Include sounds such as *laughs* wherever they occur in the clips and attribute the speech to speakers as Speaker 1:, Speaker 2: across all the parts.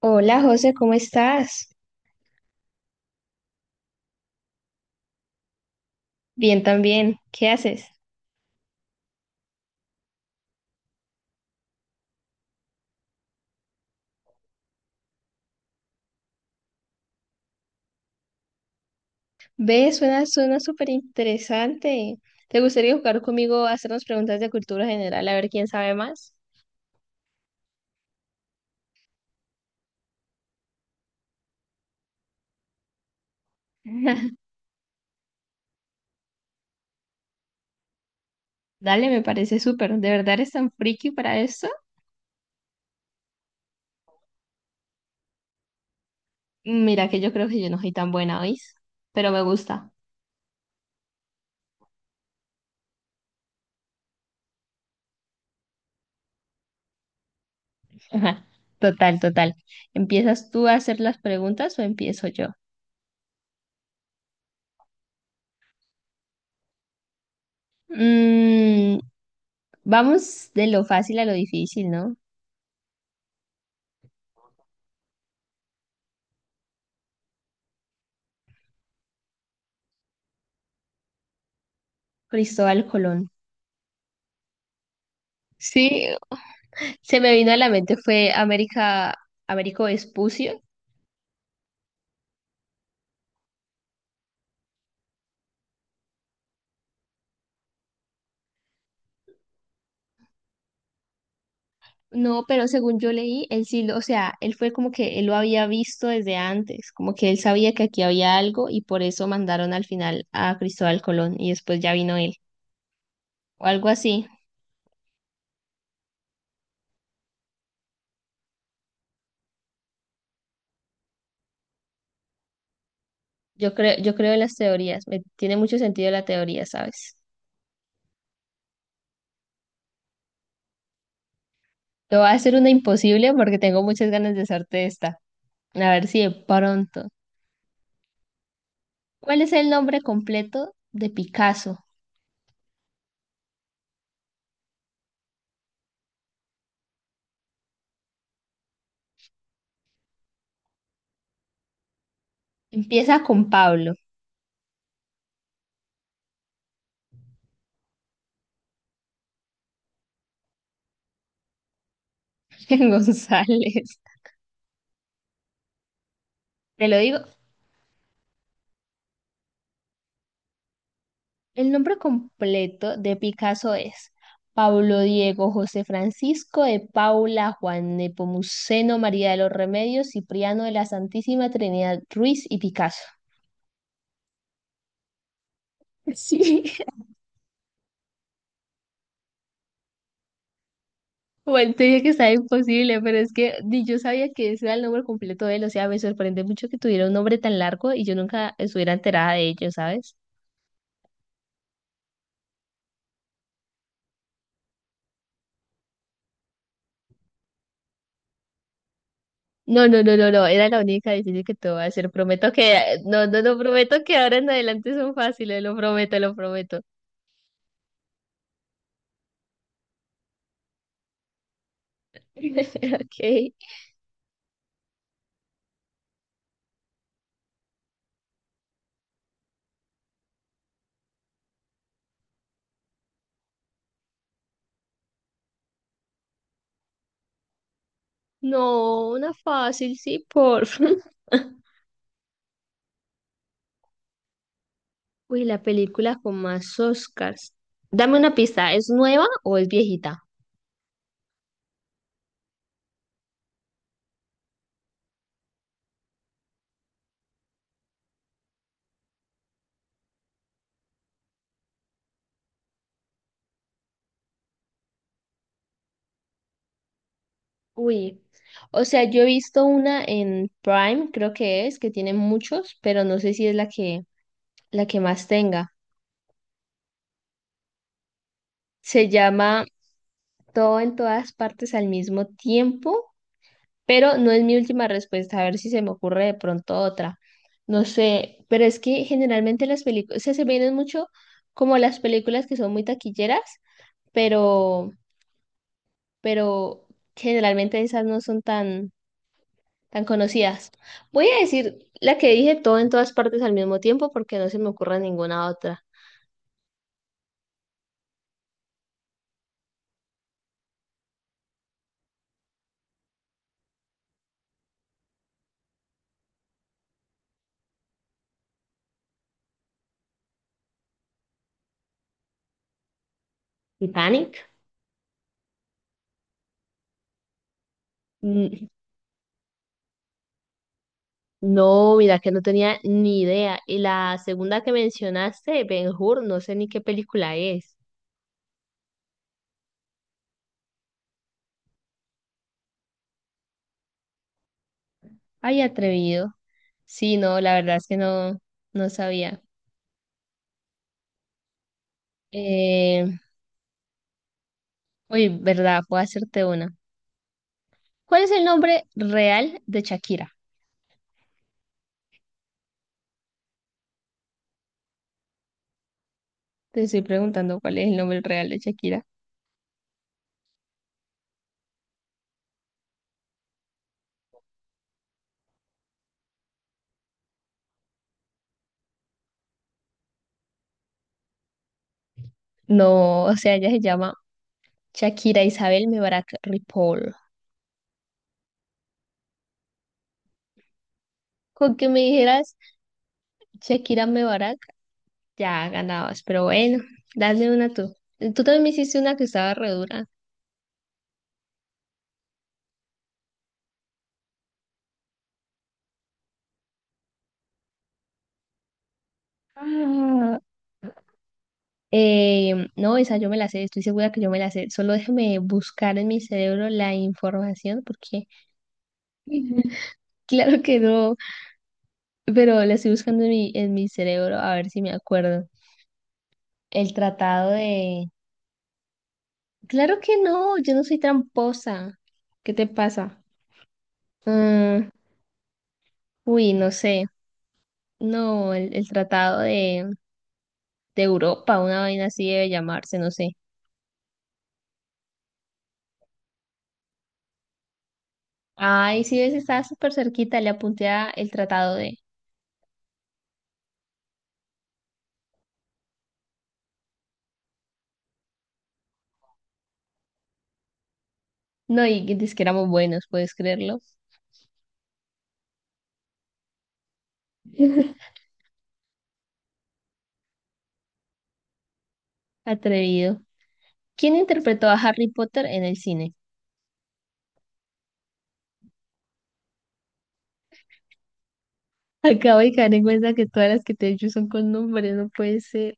Speaker 1: Hola José, ¿cómo estás? Bien también, ¿qué haces? Ve, suena súper interesante. ¿Te gustaría jugar conmigo a hacernos preguntas de cultura general a ver quién sabe más? *laughs* Dale, me parece súper. ¿De verdad eres tan friki para esto? Mira que yo creo que yo no soy tan buena, ¿oís? Pero me gusta. Ajá. Total, total. ¿Empiezas tú a hacer las preguntas o empiezo yo? Mm, vamos de lo fácil a lo difícil, ¿no? Cristóbal Colón. Sí, se me vino a la mente fue América, Américo Vespucio. No, pero según yo leí, él sí, o sea, él fue como que él lo había visto desde antes, como que él sabía que aquí había algo y por eso mandaron al final a Cristóbal Colón y después ya vino él, o algo así. Yo creo en las teorías, me tiene mucho sentido la teoría, ¿sabes? Te voy a hacer una imposible porque tengo muchas ganas de hacerte esta. A ver si de pronto. ¿Cuál es el nombre completo de Picasso? Empieza con Pablo. *laughs* González. Te lo digo, el nombre completo de Picasso es Pablo Diego José Francisco de Paula Juan Nepomuceno María de los Remedios Cipriano de la Santísima Trinidad Ruiz y Picasso. Sí, *laughs* bueno, te dije que estaba imposible, pero es que ni yo sabía que ese era el nombre completo de él, o sea, me sorprende mucho que tuviera un nombre tan largo y yo nunca estuviera enterada de ello, ¿sabes? No, no, no, no, no, era la única difícil que te voy a hacer, prometo que, no, no, no, prometo que ahora en adelante son fáciles, lo prometo, lo prometo. *laughs* Ok. No, una fácil, sí, por. *laughs* Uy, la película con más Oscars. Dame una pista, ¿es nueva o es viejita? Uy, o sea, yo he visto una en Prime, creo que es, que tiene muchos, pero no sé si es la que más tenga. Se llama Todo en todas partes al mismo tiempo, pero no es mi última respuesta, a ver si se me ocurre de pronto otra. No sé, pero es que generalmente las películas, o sea, se vienen mucho como las películas que son muy taquilleras, pero, pero generalmente esas no son tan, tan conocidas. Voy a decir la que dije Todo en todas partes al mismo tiempo porque no se me ocurre ninguna otra. Titanic. Mm, No, mira que no tenía ni idea. Y la segunda que mencionaste, Ben-Hur, no sé ni qué película es. Ay, atrevido. Sí, no, la verdad es que no, no sabía. Eh, uy, verdad, puedo hacerte una. ¿Cuál es el nombre real de Shakira? Te estoy preguntando cuál es el nombre real de Shakira. No, o sea, ella se llama Shakira Isabel Mebarak Ripoll. Con que me dijeras Shakira Mebarak, ya ganabas, pero bueno, dale una tú. Tú también me hiciste una que estaba re dura. Ah, no, esa yo me la sé, estoy segura que yo me la sé. Solo déjame buscar en mi cerebro la información porque *laughs* claro que no, pero la estoy buscando en en mi cerebro a ver si me acuerdo. El tratado de... Claro que no, yo no soy tramposa. ¿Qué te pasa? Ah, uy, no sé. No, el tratado de Europa, una vaina así debe llamarse, no sé. Ay, sí, ves, estaba súper cerquita, le apunté a el tratado de... No, y dice que éramos buenos, ¿puedes creerlo? Atrevido. ¿Quién interpretó a Harry Potter en el cine? Acabo de caer en cuenta que todas las que te he dicho son con nombres, no puede ser.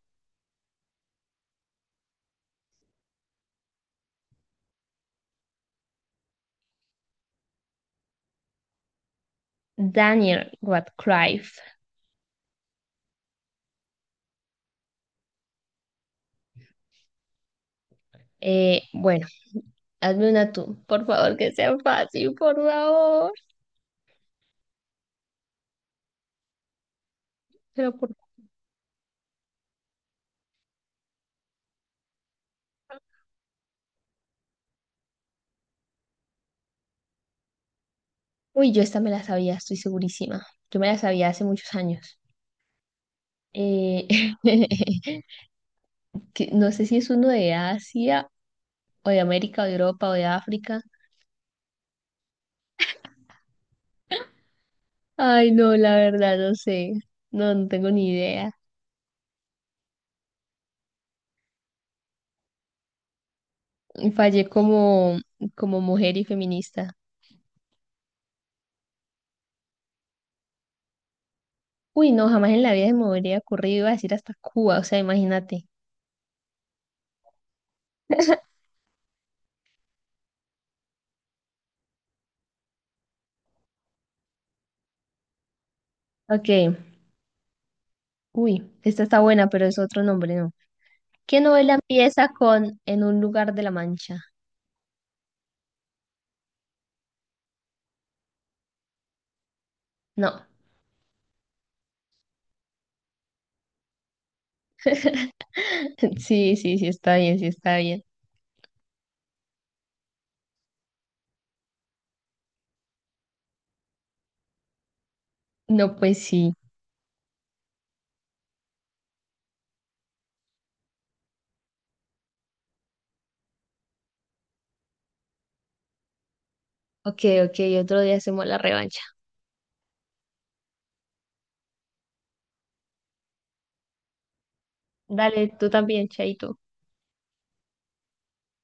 Speaker 1: Daniel Radcliffe. Bueno, hazme una tú, por favor, que sea fácil, por favor. Pero por... Uy, yo esta me la sabía, estoy segurísima. Yo me la sabía hace muchos años. Eh, *laughs* que no sé si es uno de Asia o de América o de Europa o de África. Ay, no, la verdad, no sé. No, no tengo ni idea. Fallé como, como mujer y feminista. Uy, no, jamás en la vida se me hubiera ocurrido, iba a decir hasta Cuba, o sea, imagínate. *laughs* Ok, uy, esta está buena, pero es otro nombre, ¿no? ¿Qué novela empieza con En un lugar de la Mancha? No, *laughs* sí, sí, sí, está bien, sí, está bien. No, pues sí. Ok, ok, otro día hacemos la revancha. Dale, tú también, Chaito.